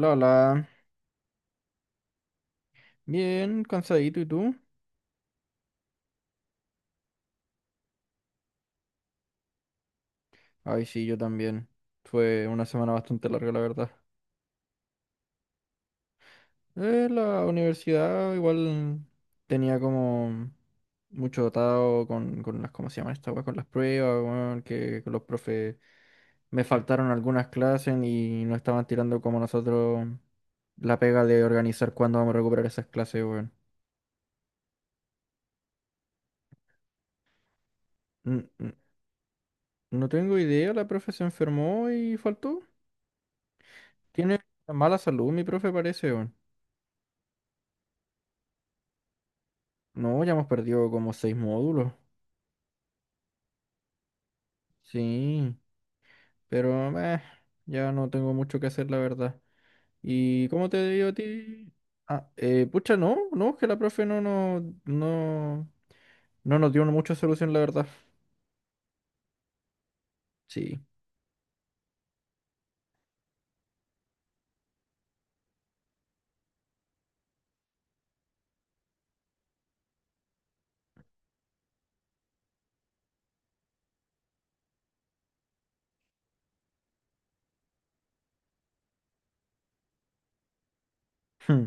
Lola, bien, cansadito, ¿y tú? Ay, sí, yo también. Fue una semana bastante larga, la verdad. La universidad igual tenía como mucho atado con las, ¿cómo se llama esta weá? Con las pruebas, weón, que los profes me faltaron algunas clases y no estaban tirando como nosotros la pega de organizar cuándo vamos a recuperar esas clases, weón. N- n- No tengo idea, la profe se enfermó y faltó. Tiene mala salud, mi profe parece, weón. No, ya hemos perdido como seis módulos. Sí, pero meh, ya no tengo mucho que hacer, la verdad. ¿Y cómo te digo a ti? Ah, pucha, no, no, que la profe no, no, no, no nos dio mucha solución, la verdad. Sí. Hmm,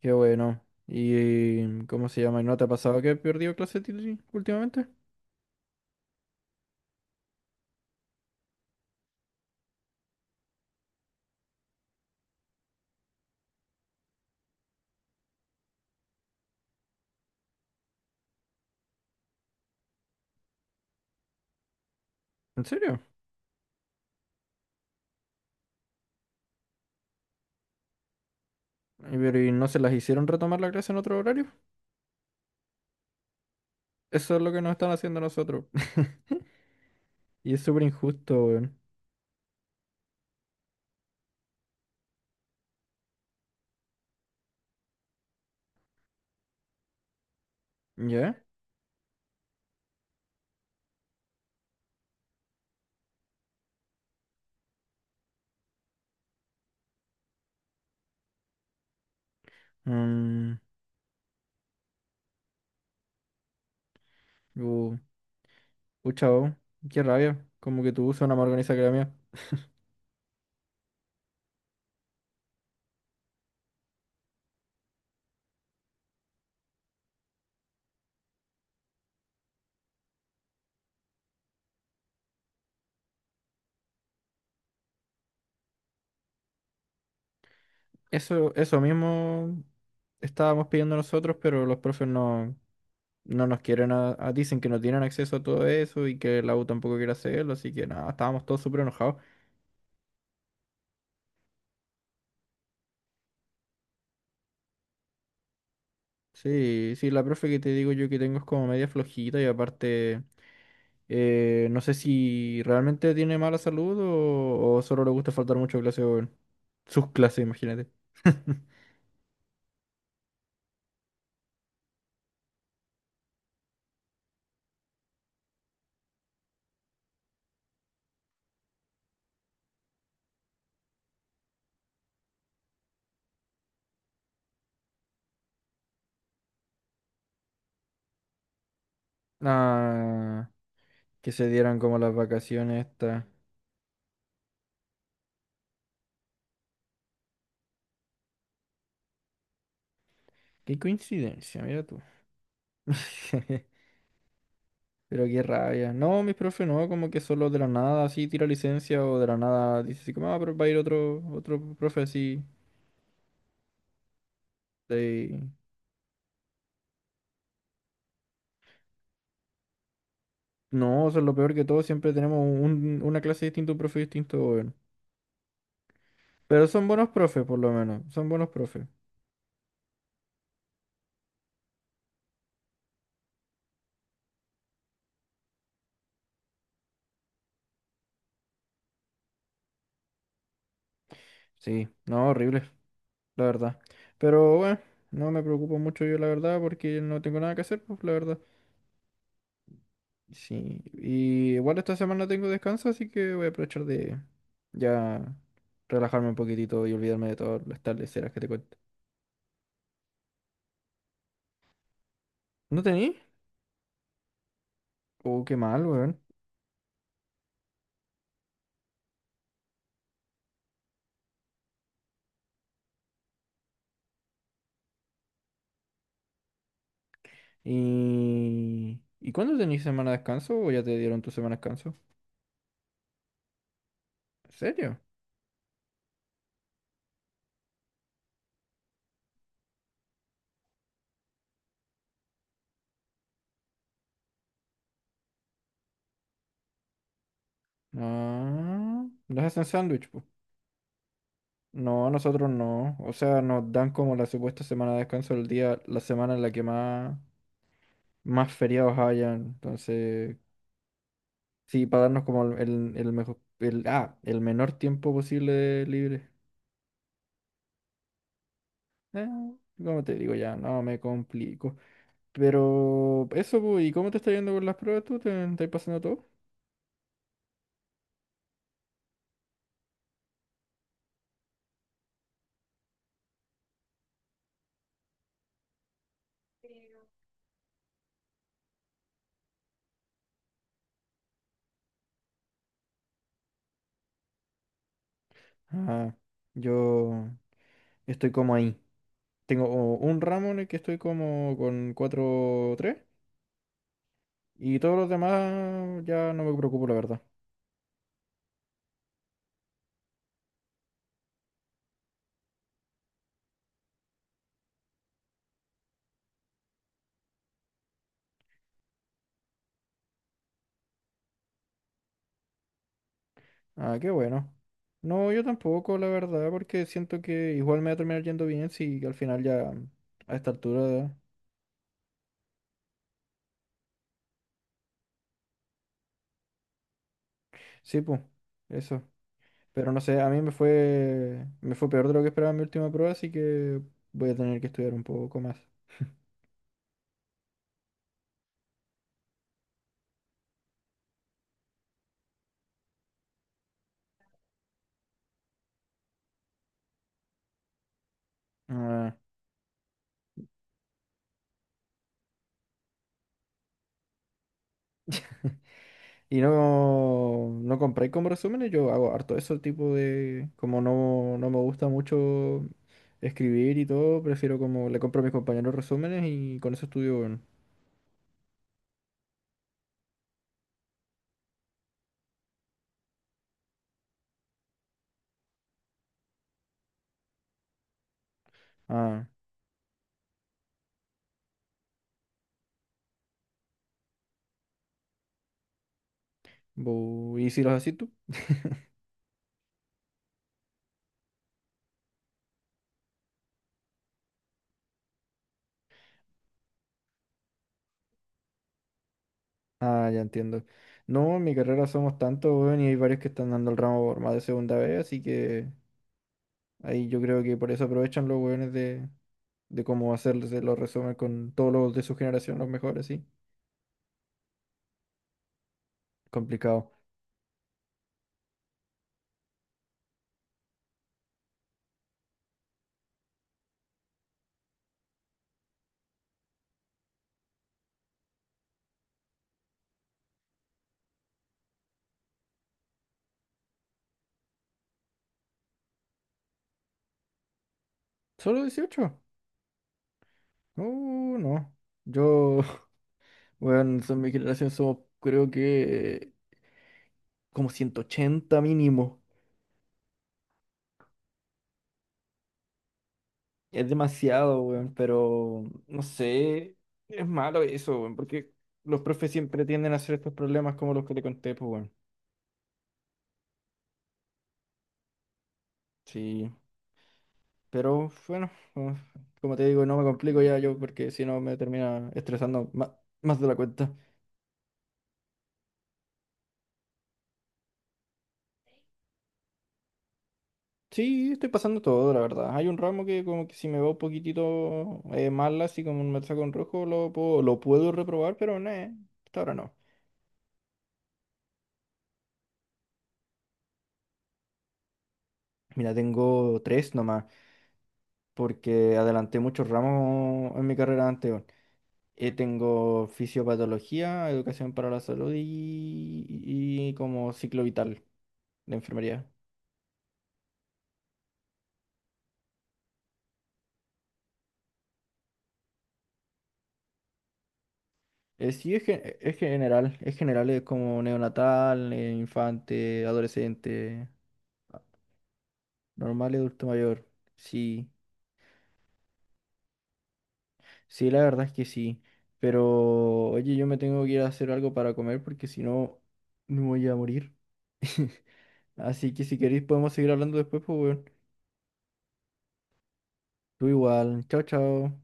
Qué bueno. ¿Y cómo se llama? ¿Y no te ha pasado que he perdido clases últimamente? ¿En serio? ¿Y pero, y no se las hicieron retomar la clase en otro horario? Eso es lo que nos están haciendo a nosotros. Y es súper injusto, weón. ¿Ya? Mm. Uh, Pucha, oh, qué rabia. Como que tu búsqueda una más organizada que la mía. Eso mismo estábamos pidiendo nosotros, pero los profes no, no nos quieren, dicen que no tienen acceso a todo eso y que la U tampoco quiere hacerlo, así que nada, estábamos todos súper enojados. Sí, sí, la profe que te digo yo que tengo es como media flojita y aparte, no sé si realmente tiene mala salud o solo le gusta faltar mucho a clase, weón. Sus clases, imagínate. Ah. Que se dieran como las vacaciones estas. Qué coincidencia, mira tú. Pero qué rabia. No, mis profes no, como que solo de la nada así tira licencia o de la nada dice así como, ah, pero va a ir otro, otro profe así. De. No, eso es lo peor que todo, siempre tenemos una clase distinta, un profe distinto, weón. Pero son buenos profes, por lo menos, son buenos profes. Sí, no, horrible, la verdad. Pero bueno, no me preocupo mucho yo, la verdad, porque no tengo nada que hacer, pues, la verdad. Sí, y igual esta semana tengo descanso, así que voy a aprovechar de ya relajarme un poquitito y olvidarme de todas las tardeceras que te cuento. ¿No tení? Oh, qué mal, weón. ¿Y cuándo tenís semana de descanso o ya te dieron tu semana de descanso? ¿En serio? Ah, ¿nos hacen sándwich, po? No, nosotros no. O sea, nos dan como la supuesta semana de descanso el día, la semana en la que más, más feriados hayan. Entonces, sí, para darnos como el mejor, el menor tiempo posible de libre. Eh, Como te digo ya, no me complico. Pero eso, pues, ¿y cómo te está yendo con las pruebas tú? ¿Te, estás pasando todo? Ah, yo estoy como ahí. Tengo un ramo en el que estoy como con 4 tres y todos los demás ya no me preocupo, la verdad. Ah, qué bueno. No, yo tampoco, la verdad, porque siento que igual me va a terminar yendo bien si al final ya a esta altura. Sí, pues, eso. Pero no sé, a mí me fue peor de lo que esperaba en mi última prueba, así que voy a tener que estudiar un poco más. Ah. Y no, no compré como resúmenes, yo hago harto eso, tipo de, como no, me gusta mucho escribir y todo, prefiero como le compro a mis compañeros resúmenes y con eso estudio, bueno. Ah, ¿y si los haces tú? Ah, ya entiendo. No, en mi carrera somos tantos, weón, y hay varios que están dando el ramo por más de segunda vez, así que. Ahí yo creo que por eso aprovechan los hueones de cómo hacerse los resúmenes con todos los de su generación, los mejores, sí. Complicado. ¿Solo 18? No. Yo, bueno, son mi generación, somos creo que como 180 mínimo. Es demasiado, weón, pero no sé, es malo eso, weón, porque los profes siempre tienden a hacer estos problemas como los que te conté, pues, weón. Sí. Pero bueno, como como te digo, no me complico ya yo porque si no me termina estresando más, de la cuenta. Sí, estoy pasando todo, la verdad. Hay un ramo que como que si me va un poquitito mal, así como me saco en rojo, lo puedo reprobar, pero no, hasta ahora no. Mira, tengo tres nomás, porque adelanté muchos ramos en mi carrera anterior. Tengo fisiopatología, educación para la salud y como ciclo vital de enfermería. Sí, es general, es como neonatal, infante, adolescente, a- normal y adulto mayor. Sí, sí, la verdad es que sí. Pero, oye, yo me tengo que ir a hacer algo para comer porque si no, me voy a morir. Así que si queréis podemos seguir hablando después, pues, weón. Tú igual. Chao, chao.